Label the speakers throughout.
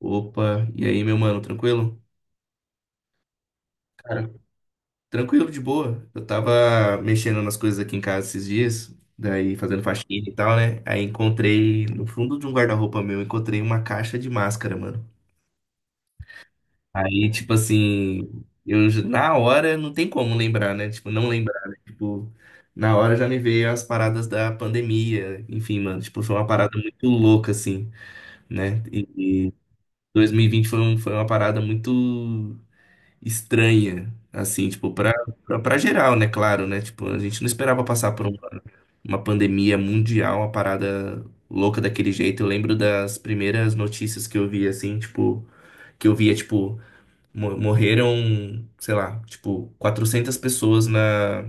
Speaker 1: Opa, e aí, meu mano, tranquilo? Cara, tranquilo, de boa. Eu tava mexendo nas coisas aqui em casa esses dias, daí fazendo faxina e tal, né? Aí encontrei, no fundo de um guarda-roupa meu, encontrei uma caixa de máscara, mano. Aí, tipo assim, na hora não tem como lembrar, né? Tipo, não lembrar, né? Tipo, na hora já me veio as paradas da pandemia, enfim, mano. Tipo, foi uma parada muito louca, assim, né? E 2020 foi, foi uma parada muito estranha, assim, tipo, pra geral, né? Claro, né? Tipo, a gente não esperava passar por uma pandemia mundial, uma parada louca daquele jeito. Eu lembro das primeiras notícias que eu vi, assim, tipo, que eu via, tipo, morreram, sei lá, tipo, 400 pessoas na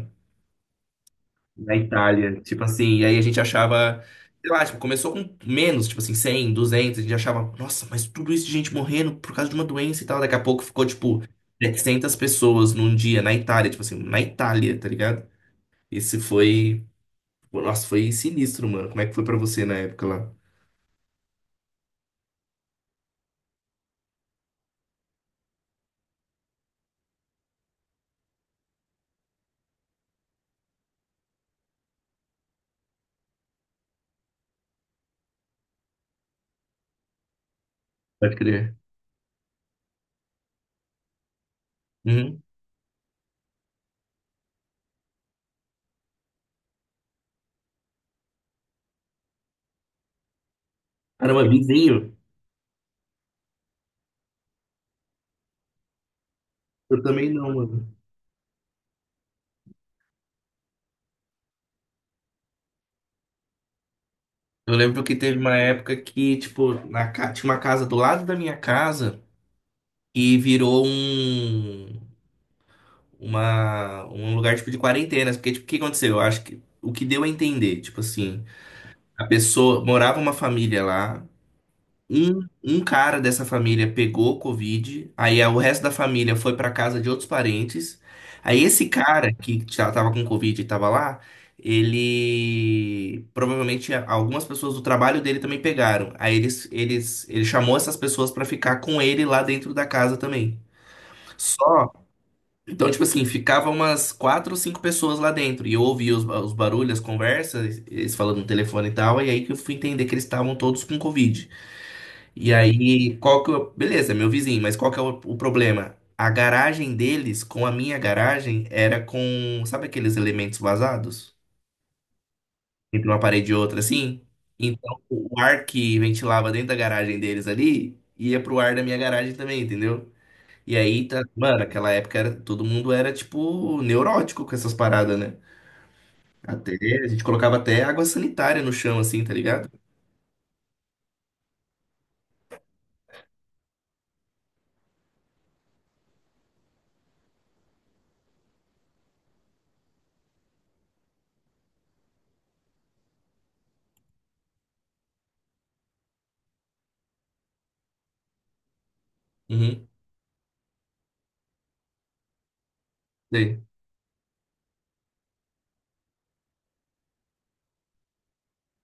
Speaker 1: na Itália. Tipo assim, e aí a gente achava, sei lá, tipo, começou com menos, tipo assim, 100, 200, a gente achava, nossa, mas tudo isso de gente morrendo por causa de uma doença e tal. Daqui a pouco ficou, tipo, 700 pessoas num dia na Itália, tipo assim, na Itália, tá ligado? Esse foi, nossa, foi sinistro, mano. Como é que foi pra você na época lá? Pode crer. Uhum. Caramba, vizinho? Eu também não, mano. Eu lembro que teve uma época que, tipo, na, tinha uma casa do lado da minha casa e virou um lugar tipo de quarentena, porque tipo, o que aconteceu? Eu acho que o que deu a entender, tipo assim, a pessoa morava uma família lá, um cara dessa família pegou Covid, o resto da família foi pra casa de outros parentes. Aí esse cara que já tava com Covid e tava lá, ele provavelmente algumas pessoas do trabalho dele também pegaram. Aí ele chamou essas pessoas pra ficar com ele lá dentro da casa também. Só então, tipo assim, ficava umas quatro ou cinco pessoas lá dentro. E eu ouvia os barulhos, as conversas, eles falando no telefone e tal. E aí que eu fui entender que eles estavam todos com Covid. E aí, qual que eu... Beleza, meu vizinho, mas qual que é o problema? A garagem deles, com a minha garagem, era com... Sabe aqueles elementos vazados? Entre uma parede e outra, assim? Então, o ar que ventilava dentro da garagem deles ali, ia pro ar da minha garagem também, entendeu? E aí, tá, mano, aquela época era, todo mundo era, tipo, neurótico com essas paradas, né? Até, a gente colocava até água sanitária no chão, assim, tá ligado? Uhum, sei.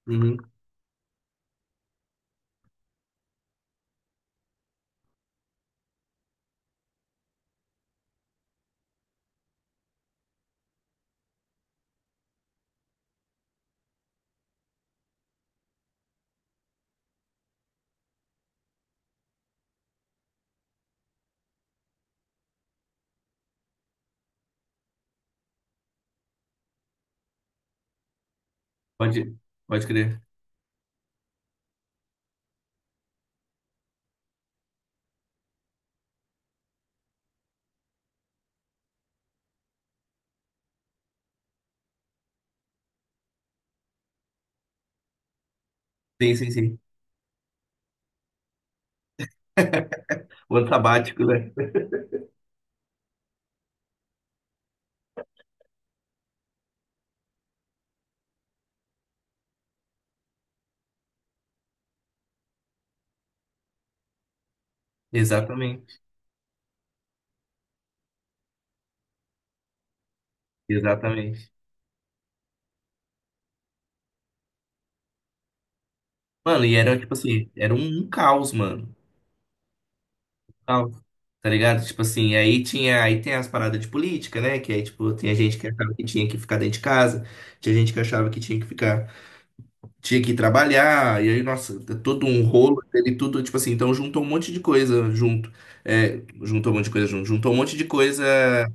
Speaker 1: Uhum, pode, pode crer. Sim, sim, sim. O ano sabático, né? Exatamente, exatamente. Mano, e era, tipo assim, era um caos, mano. Caos. Tá ligado? Tipo assim, aí tinha, aí tem as paradas de política, né? Que aí, tipo, tem a gente que achava que tinha que ficar dentro de casa, tinha gente que achava que tinha que ir trabalhar, e aí, nossa, é todo um rolo, ele tudo, tipo assim, então juntou um monte de coisa junto, é, juntou um monte de coisa junto, juntou um monte de coisa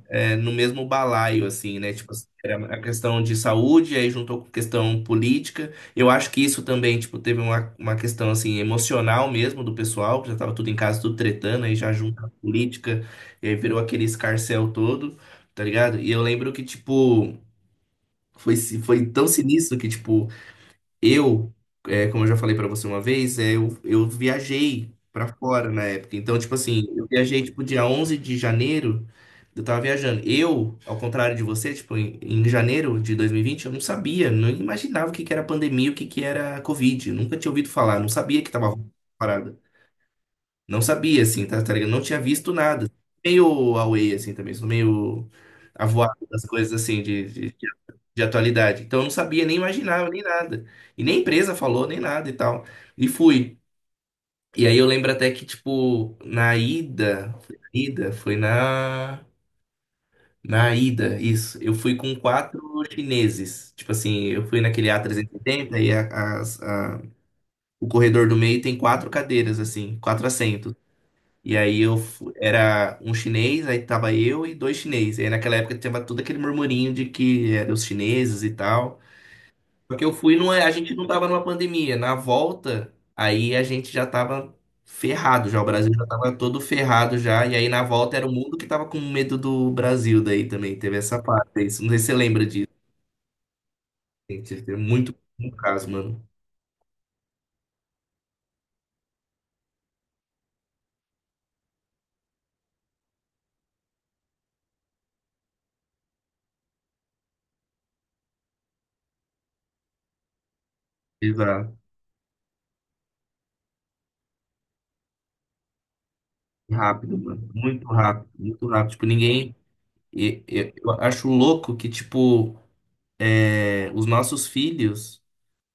Speaker 1: é, no mesmo balaio, assim, né, tipo assim, era a questão de saúde, aí juntou com questão política, eu acho que isso também, tipo, teve uma questão, assim, emocional mesmo do pessoal, que já tava tudo em casa, tudo tretando, aí já junta a política, e aí virou aquele escarcéu todo, tá ligado? E eu lembro que, tipo... Foi, foi tão sinistro que, tipo, eu, é, como eu já falei pra você uma vez, é, eu viajei pra fora na época. Então, tipo assim, eu viajei, tipo, dia 11 de janeiro, eu tava viajando. Eu, ao contrário de você, tipo, em janeiro de 2020 eu não sabia, não imaginava o que que era pandemia, o que que era Covid. Eu nunca tinha ouvido falar, não sabia que tava rolando essa parada. Não sabia, assim, tá, tá ligado? Não tinha visto nada. Meio away, assim, também. Sou meio avoado das coisas, assim, de atualidade. Então, eu não sabia, nem imaginava, nem nada. E nem a empresa falou, nem nada e tal. E fui. E aí, eu lembro até que, tipo, na ida... Foi na ida? Foi na... Na ida, isso. Eu fui com quatro chineses. Tipo assim, eu fui naquele A380 e oitenta o corredor do meio tem quatro cadeiras, assim, quatro assentos. E aí eu era um chinês, aí tava eu e dois chineses. E aí naquela época tinha todo aquele murmurinho de que eram os chineses e tal. Porque eu fui, não é, a gente não tava numa pandemia. Na volta, aí a gente já tava ferrado já, o Brasil já tava todo ferrado já. E aí na volta era o mundo que tava com medo do Brasil daí também. Teve essa parte aí. Não sei se você lembra disso, gente. Teve muito, muito caso, mano. Exato. Rápido, mano. Muito rápido, muito rápido. Tipo, ninguém. Eu acho louco que, tipo. É, os nossos filhos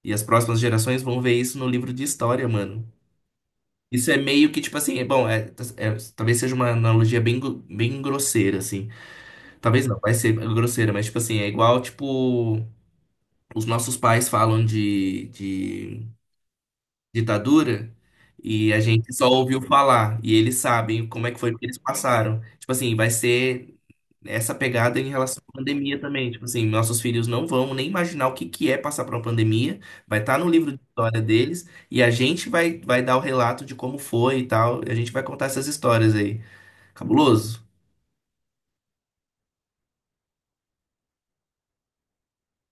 Speaker 1: e as próximas gerações vão ver isso no livro de história, mano. Isso é meio que, tipo assim, é- bom, é- tá, é- talvez seja uma analogia bem, bem grosseira, assim. Talvez não, vai ser grosseira, mas, tipo assim, é igual, tipo, os nossos pais falam de ditadura e a gente só ouviu falar e eles sabem como é que foi que eles passaram. Tipo assim, vai ser essa pegada em relação à pandemia também. Tipo assim, nossos filhos não vão nem imaginar o que que é passar por uma pandemia, vai estar no livro de história deles e a gente vai dar o relato de como foi e tal. E a gente vai contar essas histórias aí. Cabuloso.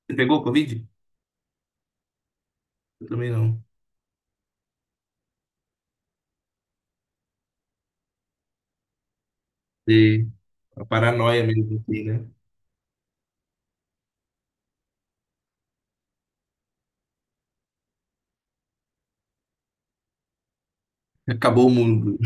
Speaker 1: Você pegou Covid? Eu também não. E a paranoia mesmo, assim, né? Acabou o mundo.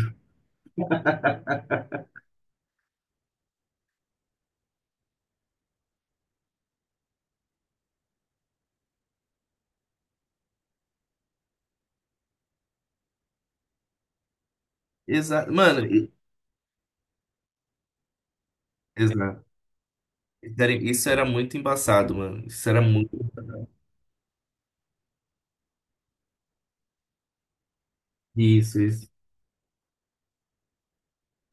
Speaker 1: Exato. Mano, exato. Isso era muito embaçado, mano. Isso era muito. Isso, isso.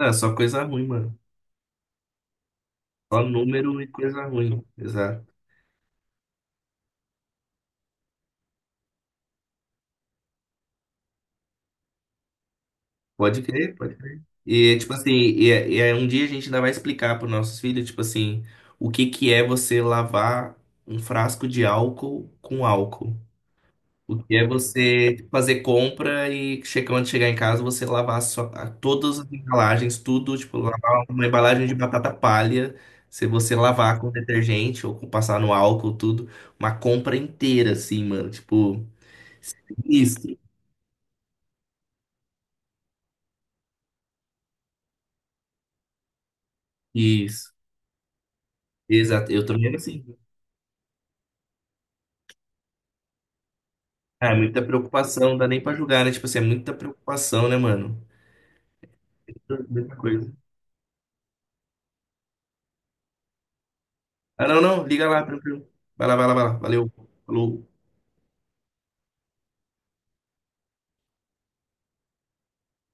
Speaker 1: Ah, só coisa ruim, mano. Só número e coisa ruim. Exato. Pode crer, pode crer. E, tipo assim, e, é, e aí um dia a gente ainda vai explicar para os nossos filhos, tipo assim, o que que é você lavar um frasco de álcool com álcool. O que é você fazer compra e quando chegar em casa você lavar só, todas as embalagens, tudo, tipo, lavar uma embalagem de batata palha, se você lavar com detergente ou com passar no álcool, tudo, uma compra inteira, assim, mano, tipo, isso, isso, exato, eu também era assim. Ah, é muita preocupação, não dá nem pra julgar, né? Tipo assim, é muita preocupação, né, mano? Muita muita coisa. Ah, não, não, liga lá, tranquilo. Vai lá, vai lá, vai lá. Valeu. Falou.